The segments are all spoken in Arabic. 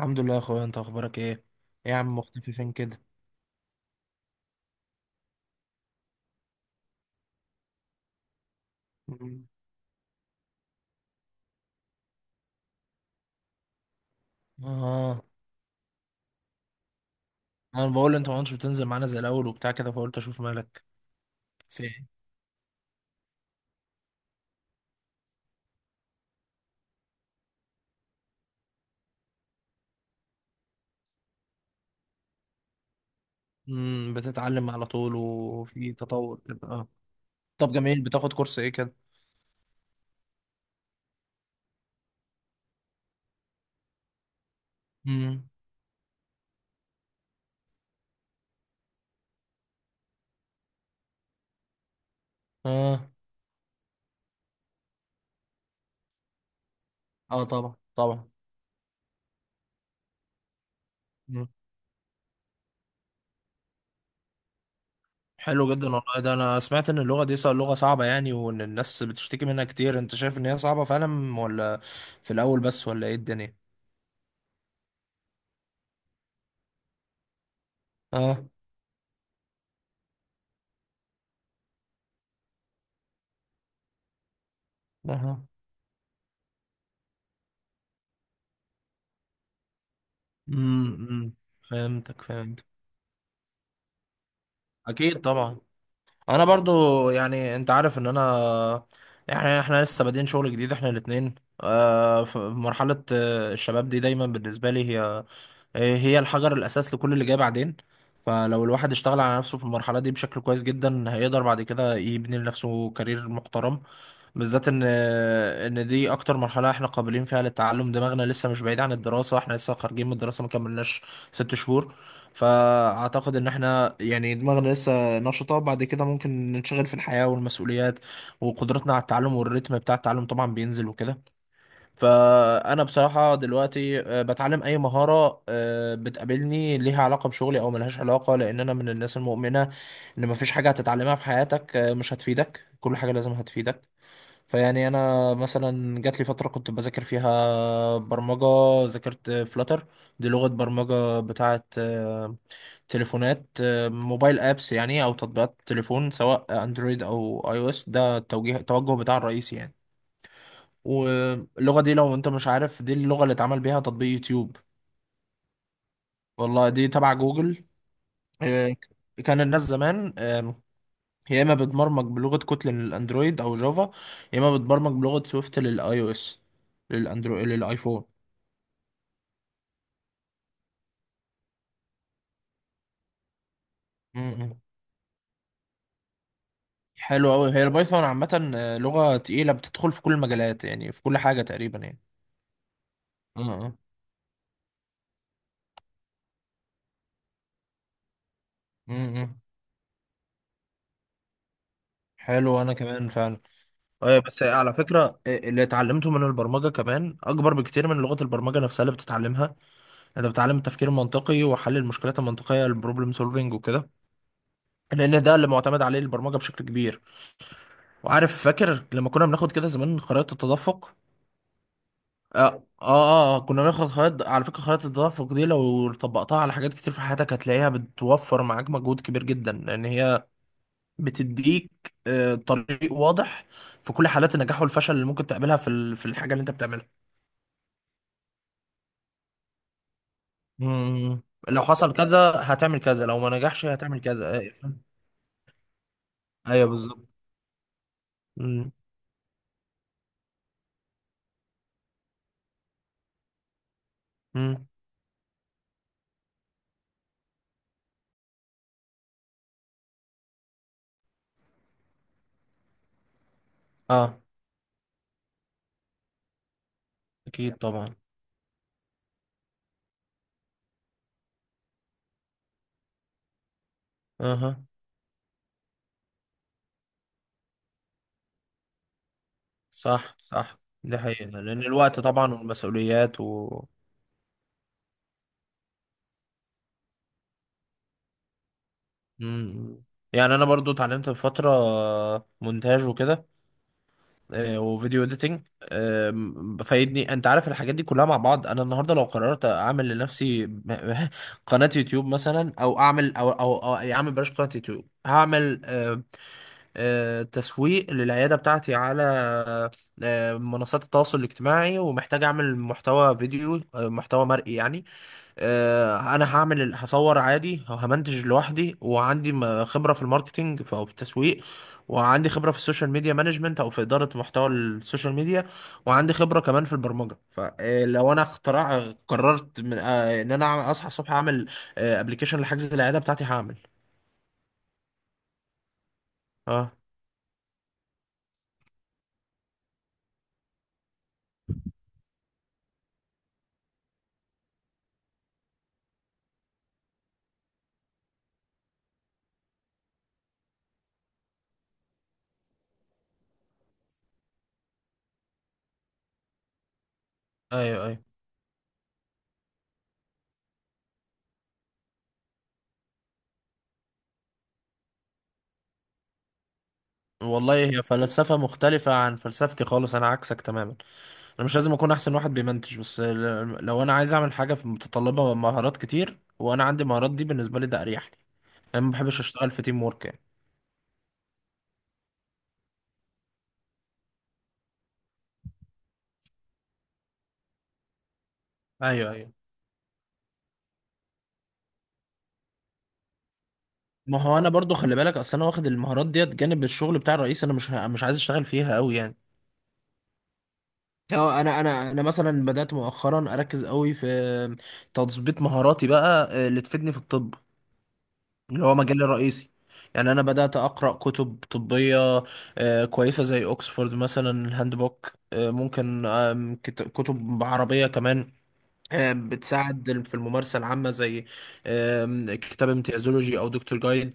الحمد لله يا اخويا، انت اخبارك ايه؟ إيه يا عم، مختفي فين كده؟ مم. اه، انا بقول انت ما كنتش بتنزل معانا زي الاول وبتاع كده، فقلت اشوف مالك. فين؟ امم، بتتعلم على طول وفي تطور كده، اه. طب جميل. بتاخد كورس ايه كده؟ امم. اه، اه، طبعا، طبعا. مم. حلو جدا والله. ده انا سمعت ان اللغة دي لغة صعبة يعني، وان الناس بتشتكي منها كتير. انت شايف ان هي صعبة فعلا، ولا في الاول بس، ولا ايه الدنيا؟ اه. أها. امم. فهمتك، فهمتك. اكيد طبعا. انا برضو، يعني انت عارف ان انا، يعني احنا لسه بادئين شغل جديد، احنا الاتنين. في مرحلة الشباب دي دايما بالنسبة لي هي، الحجر الاساس لكل اللي جاي بعدين. فلو الواحد اشتغل على نفسه في المرحلة دي بشكل كويس جدا، هيقدر بعد كده يبني لنفسه كارير محترم. بالذات ان دي اكتر مرحله احنا قابلين فيها للتعلم. دماغنا لسه مش بعيد عن الدراسه، احنا لسه خارجين من الدراسه، ما كملناش 6 شهور. فاعتقد ان احنا يعني دماغنا لسه نشطه. بعد كده ممكن ننشغل في الحياه والمسؤوليات، وقدرتنا على التعلم والريتم بتاع التعلم طبعا بينزل وكده. فانا بصراحه دلوقتي بتعلم اي مهاره بتقابلني، ليها علاقه بشغلي او ملهاش علاقه، لان انا من الناس المؤمنه ان مفيش حاجه هتتعلمها في حياتك مش هتفيدك، كل حاجه لازم هتفيدك. فيعني انا مثلا جات لي فتره كنت بذاكر فيها برمجه. ذاكرت فلاتر. دي لغه برمجه بتاعه تليفونات، موبايل ابس يعني، او تطبيقات تليفون، سواء اندرويد او اي او اس. ده التوجه بتاع الرئيسي يعني. واللغه دي، لو انت مش عارف، دي اللغه اللي اتعمل بيها تطبيق يوتيوب. والله دي تبع جوجل. آه، كان الناس زمان يا اما بتبرمج بلغه كوتلين للاندرويد او جافا، يا اما بتبرمج بلغه سويفت للاي او اس، للاندرويد، للايفون. مم. حلو قوي. هي البايثون عامه لغه تقيله، بتدخل في كل المجالات، يعني في كل حاجه تقريبا يعني. مم. مم. مم. حلو، انا كمان فعلا. بس على فكره اللي اتعلمته من البرمجه كمان اكبر بكتير من لغه البرمجه نفسها اللي بتتعلمها. انت بتتعلم التفكير المنطقي وحل المشكلات المنطقيه، البروبلم سولفينج وكده، لان ده اللي معتمد عليه البرمجه بشكل كبير. وعارف، فاكر لما كنا بناخد كده زمان خرائط التدفق؟ اه، اه. كنا بناخد خرائط. على فكرة، خرائط التدفق دي لو طبقتها على حاجات كتير في حياتك هتلاقيها بتوفر معاك مجهود كبير جدا، لان هي بتديك طريق واضح في كل حالات النجاح والفشل اللي ممكن تقابلها في الحاجة اللي انت بتعملها. مم. لو حصل كذا هتعمل كذا، لو ما نجحش هتعمل كذا، فاهم؟ ايوه، بالظبط. مم. مم. اه، اكيد طبعا. اها. صح، صح، دي حقيقة، لأن الوقت طبعا والمسؤوليات و... مم. يعني أنا برضو اتعلمت في فترة مونتاج وكده، وفيديو اديتنج. فايدني. أنت عارف الحاجات دي كلها مع بعض. أنا النهاردة لو قررت أعمل لنفسي قناة يوتيوب مثلا، أو أعمل، أو يعني أعمل، بلاش قناة يوتيوب، هعمل تسويق للعيادة بتاعتي على منصات التواصل الاجتماعي، ومحتاج أعمل محتوى فيديو، محتوى مرئي يعني. انا هصور عادي، وهمنتج لوحدي، وعندي خبره في الماركتينج، او في التسويق. وعندي خبره في السوشيال ميديا مانجمنت، او في اداره محتوى السوشيال ميديا. وعندي خبره كمان في البرمجه. فلو انا قررت من ان انا اصحى الصبح اعمل ابلكيشن لحجز العياده بتاعتي، هعمل. اه، ايوه، ايوه. والله هي فلسفه مختلفه عن فلسفتي خالص، انا عكسك تماما. انا مش لازم اكون احسن واحد بيمنتج، بس لو انا عايز اعمل حاجه في، متطلبه مهارات كتير، وانا عندي مهارات دي، بالنسبه لي ده اريح لي. انا ما بحبش اشتغل في تيم ورك، يعني. ايوه، ايوه. ما هو انا برضو، خلي بالك، اصل انا واخد المهارات ديت جانب الشغل بتاع الرئيس. انا مش عايز اشتغل فيها قوي، يعني. اه، انا مثلا بدات مؤخرا اركز قوي في تظبيط مهاراتي بقى، اللي تفيدني في الطب، اللي هو مجالي الرئيسي. يعني انا بدات اقرا كتب طبيه كويسه، زي اوكسفورد مثلا، الهاند بوك. ممكن كتب عربيه كمان، بتساعد في الممارسه العامه، زي كتاب امتيازولوجي او دكتور جايد.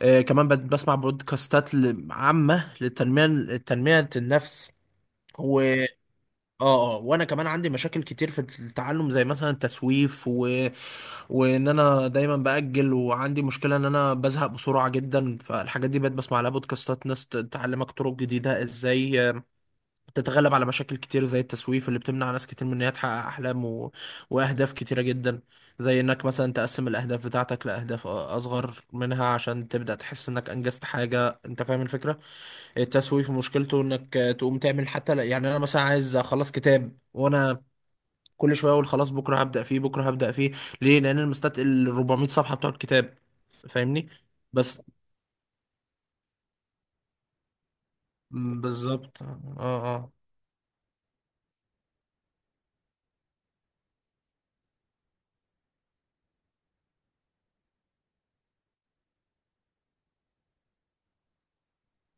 كمان بسمع بودكاستات، عامه، لتنميه النفس. و اه، اه، وانا كمان عندي مشاكل كتير في التعلم، زي مثلا التسويف، وان انا دايما باجل، وعندي مشكله ان انا بزهق بسرعه جدا. فالحاجات دي بقيت بسمع لها بودكاستات، ناس تعلمك طرق جديده ازاي تتغلب على مشاكل كتير زي التسويف، اللي بتمنع ناس كتير من ان هي تحقق احلام و... واهداف كتيره جدا. زي انك مثلا تقسم الاهداف بتاعتك لاهداف اصغر منها، عشان تبدا تحس انك انجزت حاجه. انت فاهم الفكره؟ التسويف مشكلته انك تقوم تعمل حتى يعني انا مثلا عايز اخلص كتاب، وانا كل شويه اقول خلاص بكره هبدا فيه، بكره هبدا فيه. ليه؟ لان المستت ال 400 صفحه بتوع الكتاب. فاهمني. بس بالظبط، اه. اه.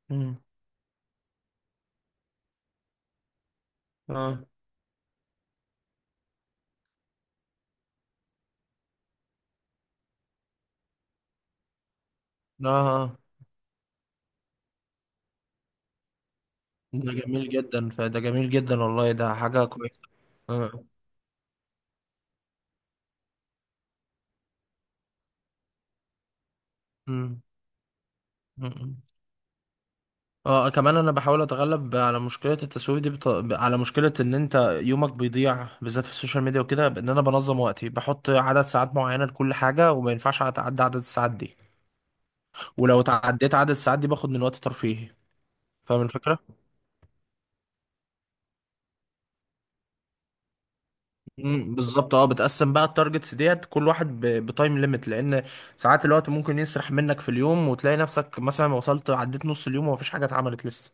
مم. اه، اه. آه. ده جميل جدا، فده جميل جدا، والله ده حاجه كويسه. اه. مم. مم. اه. آه. كمان انا بحاول اتغلب على مشكله التسويف دي، بط... على مشكله ان انت يومك بيضيع بالذات في السوشيال ميديا وكده، بان انا بنظم وقتي، بحط عدد ساعات معينه لكل حاجه، وما ينفعش اتعدى عدد الساعات دي. ولو تعديت عدد الساعات دي، باخد من وقت ترفيهي. فاهم الفكره؟ امم، بالظبط، اه. بتقسم بقى التارجتس ديت، كل واحد بتايم ليميت، لان ساعات الوقت ممكن يسرح منك في اليوم، وتلاقي نفسك مثلا وصلت عديت نص اليوم ومفيش حاجه اتعملت لسه.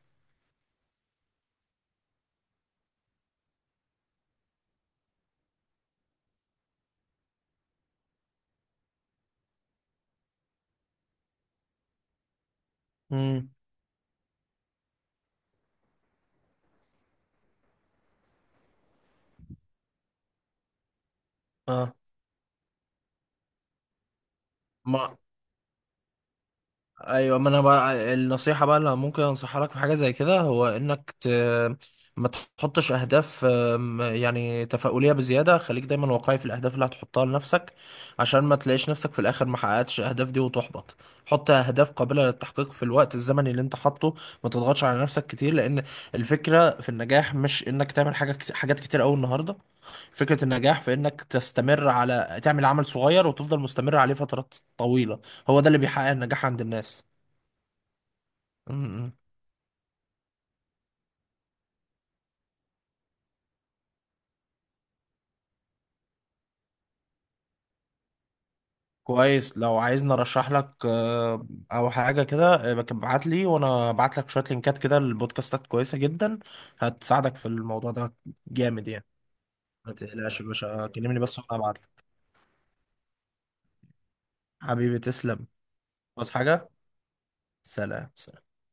امم، اه. ما، ايوه، ما انا بقى النصيحه بقى اللي ممكن انصحها لك في حاجه زي كده، هو انك ت... ما تحطش اهداف يعني تفاؤليه بزياده. خليك دايما واقعي في الاهداف اللي هتحطها لنفسك، عشان ما تلاقيش نفسك في الاخر ما حققتش الاهداف دي وتحبط. حط اهداف قابله للتحقيق في الوقت الزمني اللي انت حاطه. ما تضغطش على نفسك كتير، لان الفكره في النجاح مش انك تعمل حاجات كتير قوي النهارده. فكره النجاح في انك تستمر، على تعمل عمل صغير وتفضل مستمر عليه فترات طويله. هو ده اللي بيحقق النجاح عند الناس. م- م. كويس. لو عايزني ارشح لك او حاجه كده، ابعت لي وانا ابعت لك شويه لينكات كده لبودكاستات كويسه جدا، هتساعدك في الموضوع ده. جامد يعني. ما تقلقش يا باشا، كلمني بس وانا ابعت لك. حبيبي، تسلم. بس حاجه. سلام، سلام.